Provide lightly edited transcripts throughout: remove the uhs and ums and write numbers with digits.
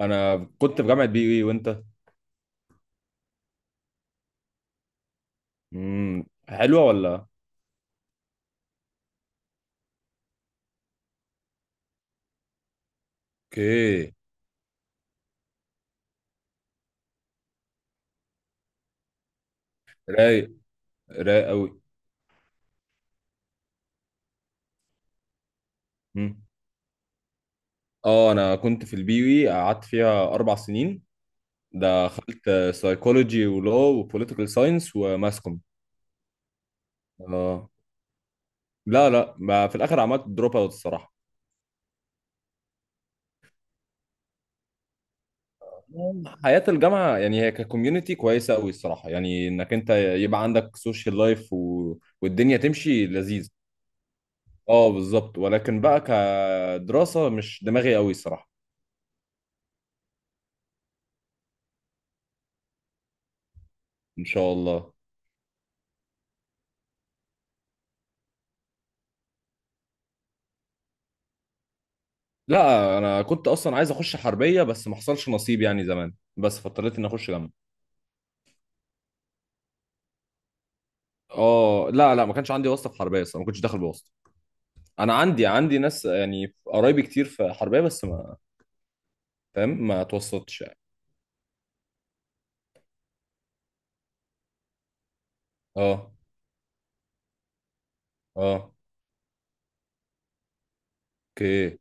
انا كنت في جامعه بي اي وانت. حلوه ولا؟ اوكي. رايق رايق قوي. امم اه انا كنت في البي اي قعدت فيها 4 سنين. دخلت سايكولوجي ولو وبوليتيكال ساينس وماسكوم. اه لا لا، ما في الاخر عملت دروب اوت الصراحه. حياة الجامعة يعني هي ككوميونتي كويسة أوي الصراحة، يعني إنك أنت يبقى عندك سوشيال لايف والدنيا تمشي لذيذ. أه بالظبط، ولكن بقى كدراسة مش دماغي أوي الصراحة. ان شاء الله. لا انا كنت اصلا عايز اخش حربيه، بس ما حصلش نصيب يعني زمان بس فاضطريت اني اخش جامعه. اه لا لا، ما كانش عندي واسطه في حربيه اصلا، ما كنتش داخل بواسطه. انا عندي ناس يعني قرايبي كتير في حربيه، بس ما فاهم ما توسطتش يعني. اه اه. اوكي.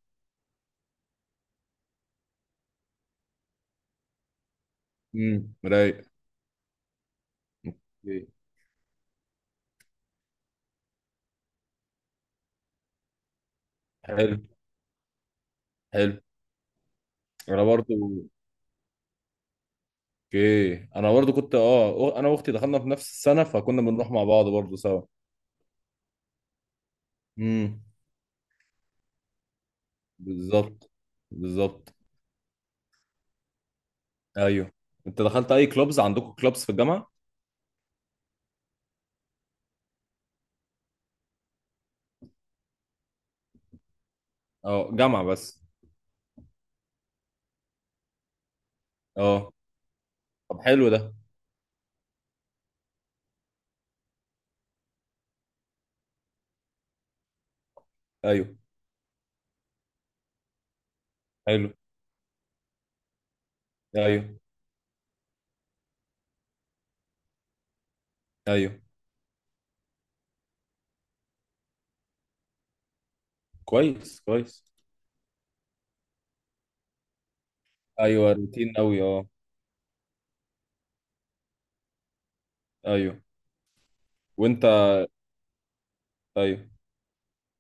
رايق. اوكي. حلو حلو. انا برضو. اوكي انا برضو كنت انا واختي دخلنا في نفس السنه، فكنا بنروح مع بعض برضو سوا. امم. بالظبط بالظبط. ايوه. انت دخلت اي كلوبز؟ عندكم كلوبز في الجامعه؟ اه جامعه بس. اه طب حلو ده. ايوه حلو. ايوه ايوه. كويس كويس. ايوه روتين قوي اه. ايوه، وانت؟ ايوه.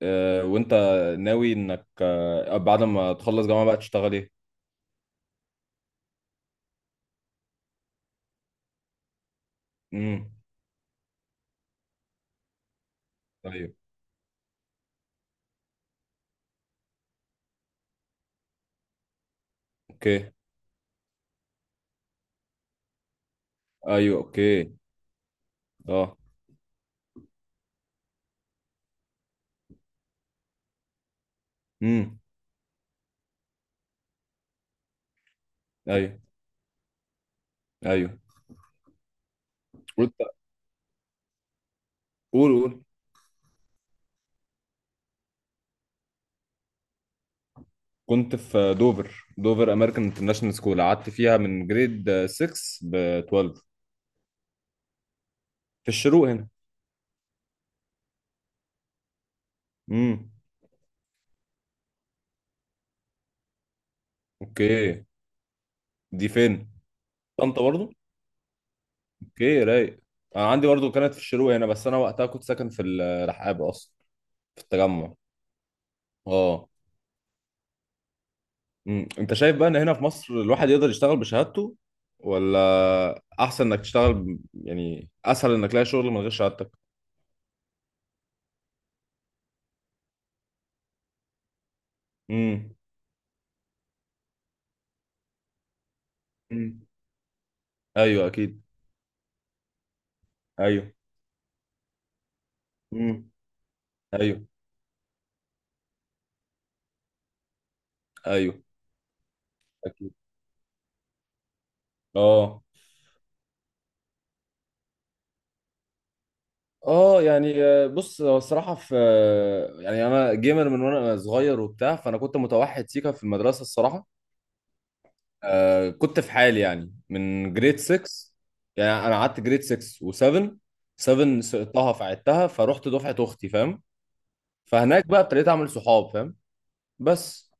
آه، وانت؟ ناوي انك بعد ما تخلص جامعه بقى تشتغل ايه؟ امم. ايوه اوكي. ايوه اوكي. اه. امم. ايوه ايوه. وانت؟ قول قول. كنت في دوفر امريكان انترناشونال سكول، قعدت فيها من جريد 6 ب 12. في الشروق هنا. امم اوكي. دي فين؟ طنطا برضو. اوكي رايق. انا عندي برضو كانت في الشروق هنا، بس انا وقتها كنت ساكن في الرحاب اصلا. في التجمع. اه. انت شايف بقى ان هنا في مصر الواحد يقدر يشتغل بشهادته، ولا احسن انك تشتغل يعني اسهل انك تلاقي شغل من غير شهادتك؟ امم. امم. ايوه اكيد. ايوه. امم. ايوه. ايوه اكيد. اه اه يعني بص هو الصراحه في يعني انا جيمر من وانا صغير وبتاع، فانا كنت متوحد سيكا في المدرسه الصراحه. كنت في حالي يعني من جريد 6. يعني انا قعدت جريد 6 و7. 7 سقطتها فعدتها فروحت دفعه اختي فاهم. فهناك بقى ابتديت اعمل صحاب فاهم. بس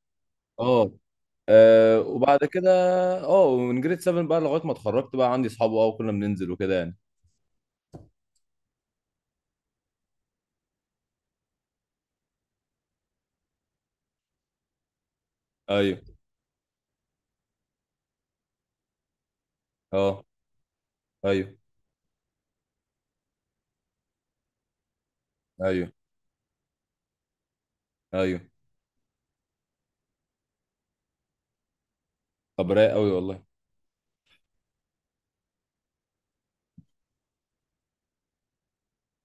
اه، وبعد كده. اه ومن جريد 7 بقى لغايه ما اتخرجت بقى عندي صحاب اه، وكنا بننزل وكده يعني. ايوه اه ايوه ايوه ايوه. طب رايق قوي والله.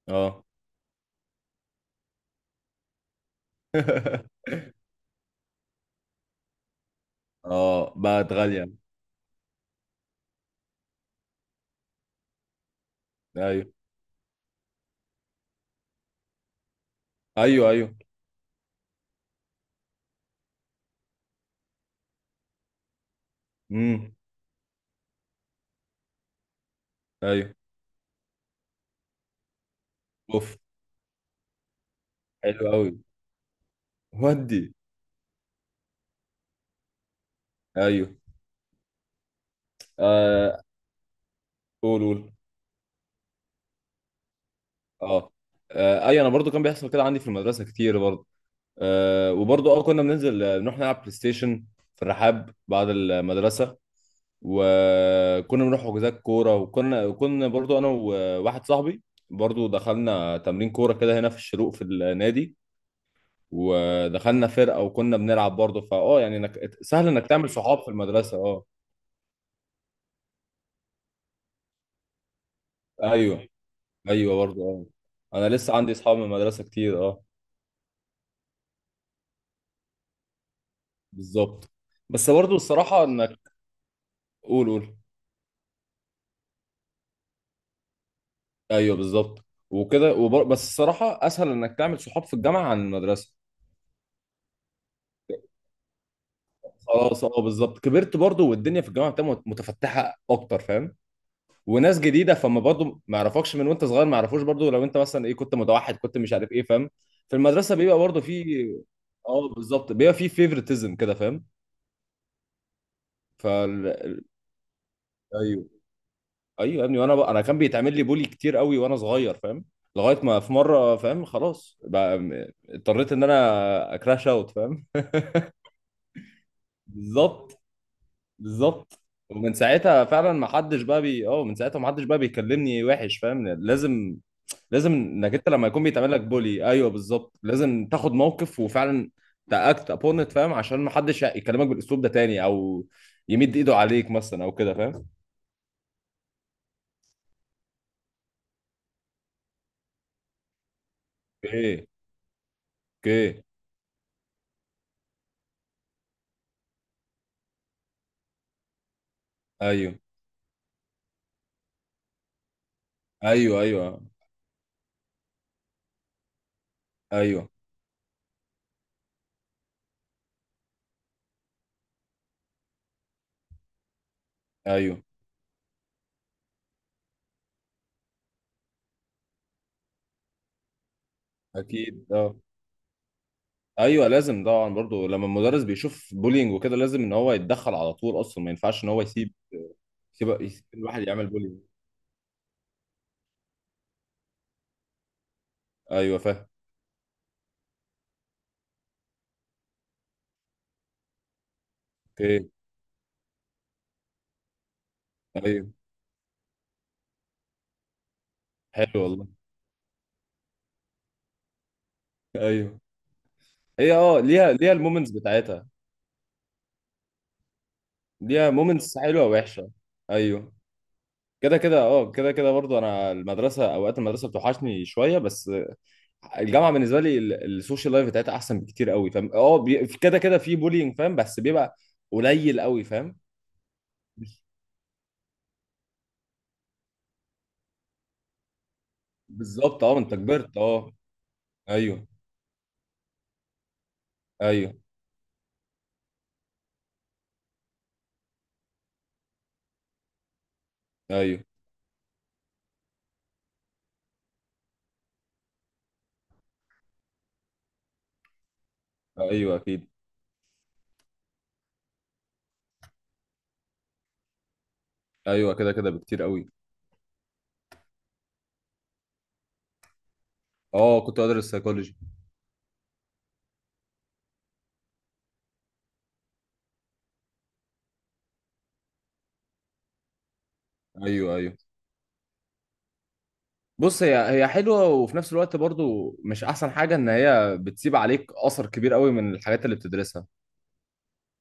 اه اه بقت غالية. ايوه ايوه ايوه. امم. ايوه اوف حلو قوي. ودي. ايوه. آه قول قول. اه ايوه انا برضو كان بيحصل كده عندي في المدرسة كتير برضو. وبرضو اه كنا بننزل نروح نلعب بلاي ستيشن في الرحاب بعد المدرسة. وكنا بنروح حجوزات كورة، وكنا كنا برضو انا وواحد صاحبي. برضو دخلنا تمرين كورة كده هنا في الشروق في النادي. ودخلنا فرقه وكنا بنلعب برضه، فاه يعني انك سهل انك تعمل صحاب في المدرسه اه. ايوه ايوه برضه اه. انا لسه عندي اصحاب من المدرسه كتير اه. بالظبط. بس برضه الصراحه انك. قول قول. ايوه بالظبط وكده بس الصراحه اسهل انك تعمل صحاب في الجامعه عن المدرسه. خلاص اه بالظبط كبرت برضه، والدنيا في الجامعه بتبقى متفتحه اكتر فاهم. وناس جديده فما برضه ما يعرفكش من وانت صغير، ما يعرفوش برضه لو انت مثلا ايه كنت متوحد كنت مش عارف ايه فاهم. في المدرسه بيبقى برضه في. اه بالظبط بيبقى في فيفرتزم كده فاهم. فال ال- ايوه ايوه يا ابني، وانا بقى انا كان بيتعمل لي بولي كتير قوي وانا صغير فاهم. لغايه ما في مره فاهم خلاص بقى اضطريت ان انا اكراش اوت فاهم. بالظبط بالظبط. ومن ساعتها فعلا ما حدش بقى بي اه من ساعتها ما حدش بقى بيكلمني وحش فاهم لازم. لازم انك انت لما يكون بيتعمل لك بولي، ايوه بالظبط لازم تاخد موقف وفعلا. تاكت ابون ات فاهم عشان ما حدش يكلمك بالاسلوب ده تاني، او. يمد ايده عليك مثلا او كده فاهم. اوكي اوكي ايوه ايوه ايوه ايوه ايوه اكيد اه. ايوه لازم طبعا برضو لما المدرس بيشوف بولينج وكده لازم ان هو يتدخل على طول اصلا، ما ينفعش ان هو يسيب. يسيب الواحد يعمل بولينج. ايوه فاهم. اوكي ايوه حلو والله. ايوه هي اه ليها المومنتس بتاعتها. ليها مومنتس حلوه ووحشه. ايوه كده كده اه كده كده برضو انا المدرسه، اوقات المدرسه بتوحشني شويه بس. الجامعه بالنسبه لي السوشيال لايف بتاعتها احسن بكتير قوي فاهم اه، كده كده في بولينج فاهم بس بيبقى. قليل قوي فاهم. مش- بالظبط اه انت كبرت اه. ايوه ايوه ايوه ايوه اكيد. ايوه كده كده بكتير قوي. اه كنت ادرس سايكولوجي. ايوه ايوه بص هي. هي حلوه وفي نفس الوقت برضو مش احسن حاجه ان هي بتسيب عليك اثر كبير قوي من الحاجات اللي بتدرسها.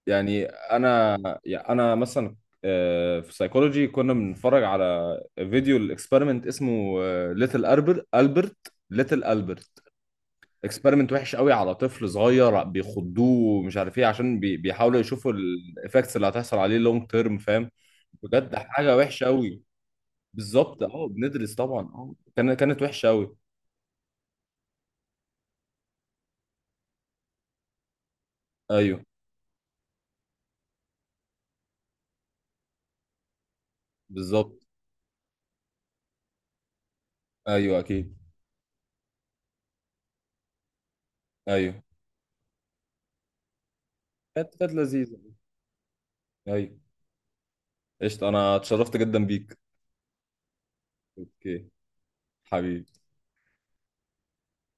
يعني انا. يعني انا مثلا في سايكولوجي كنا بنتفرج على فيديو، الاكسبيرمنت اسمه. ليتل البرت. اكسبيرمنت وحش قوي على طفل صغير بيخضوه ومش عارف ايه، عشان بيحاولوا يشوفوا الايفكتس اللي هتحصل عليه لونج تيرم فاهم. بجد حاجه وحشه قوي. بالظبط اه بندرس طبعا اه كانت وحشه قوي. ايوه بالظبط. ايوه اكيد. ايوه كانت لذيذه. ايوه. قشطه انا اتشرفت جدا بيك. اوكي حبيبي.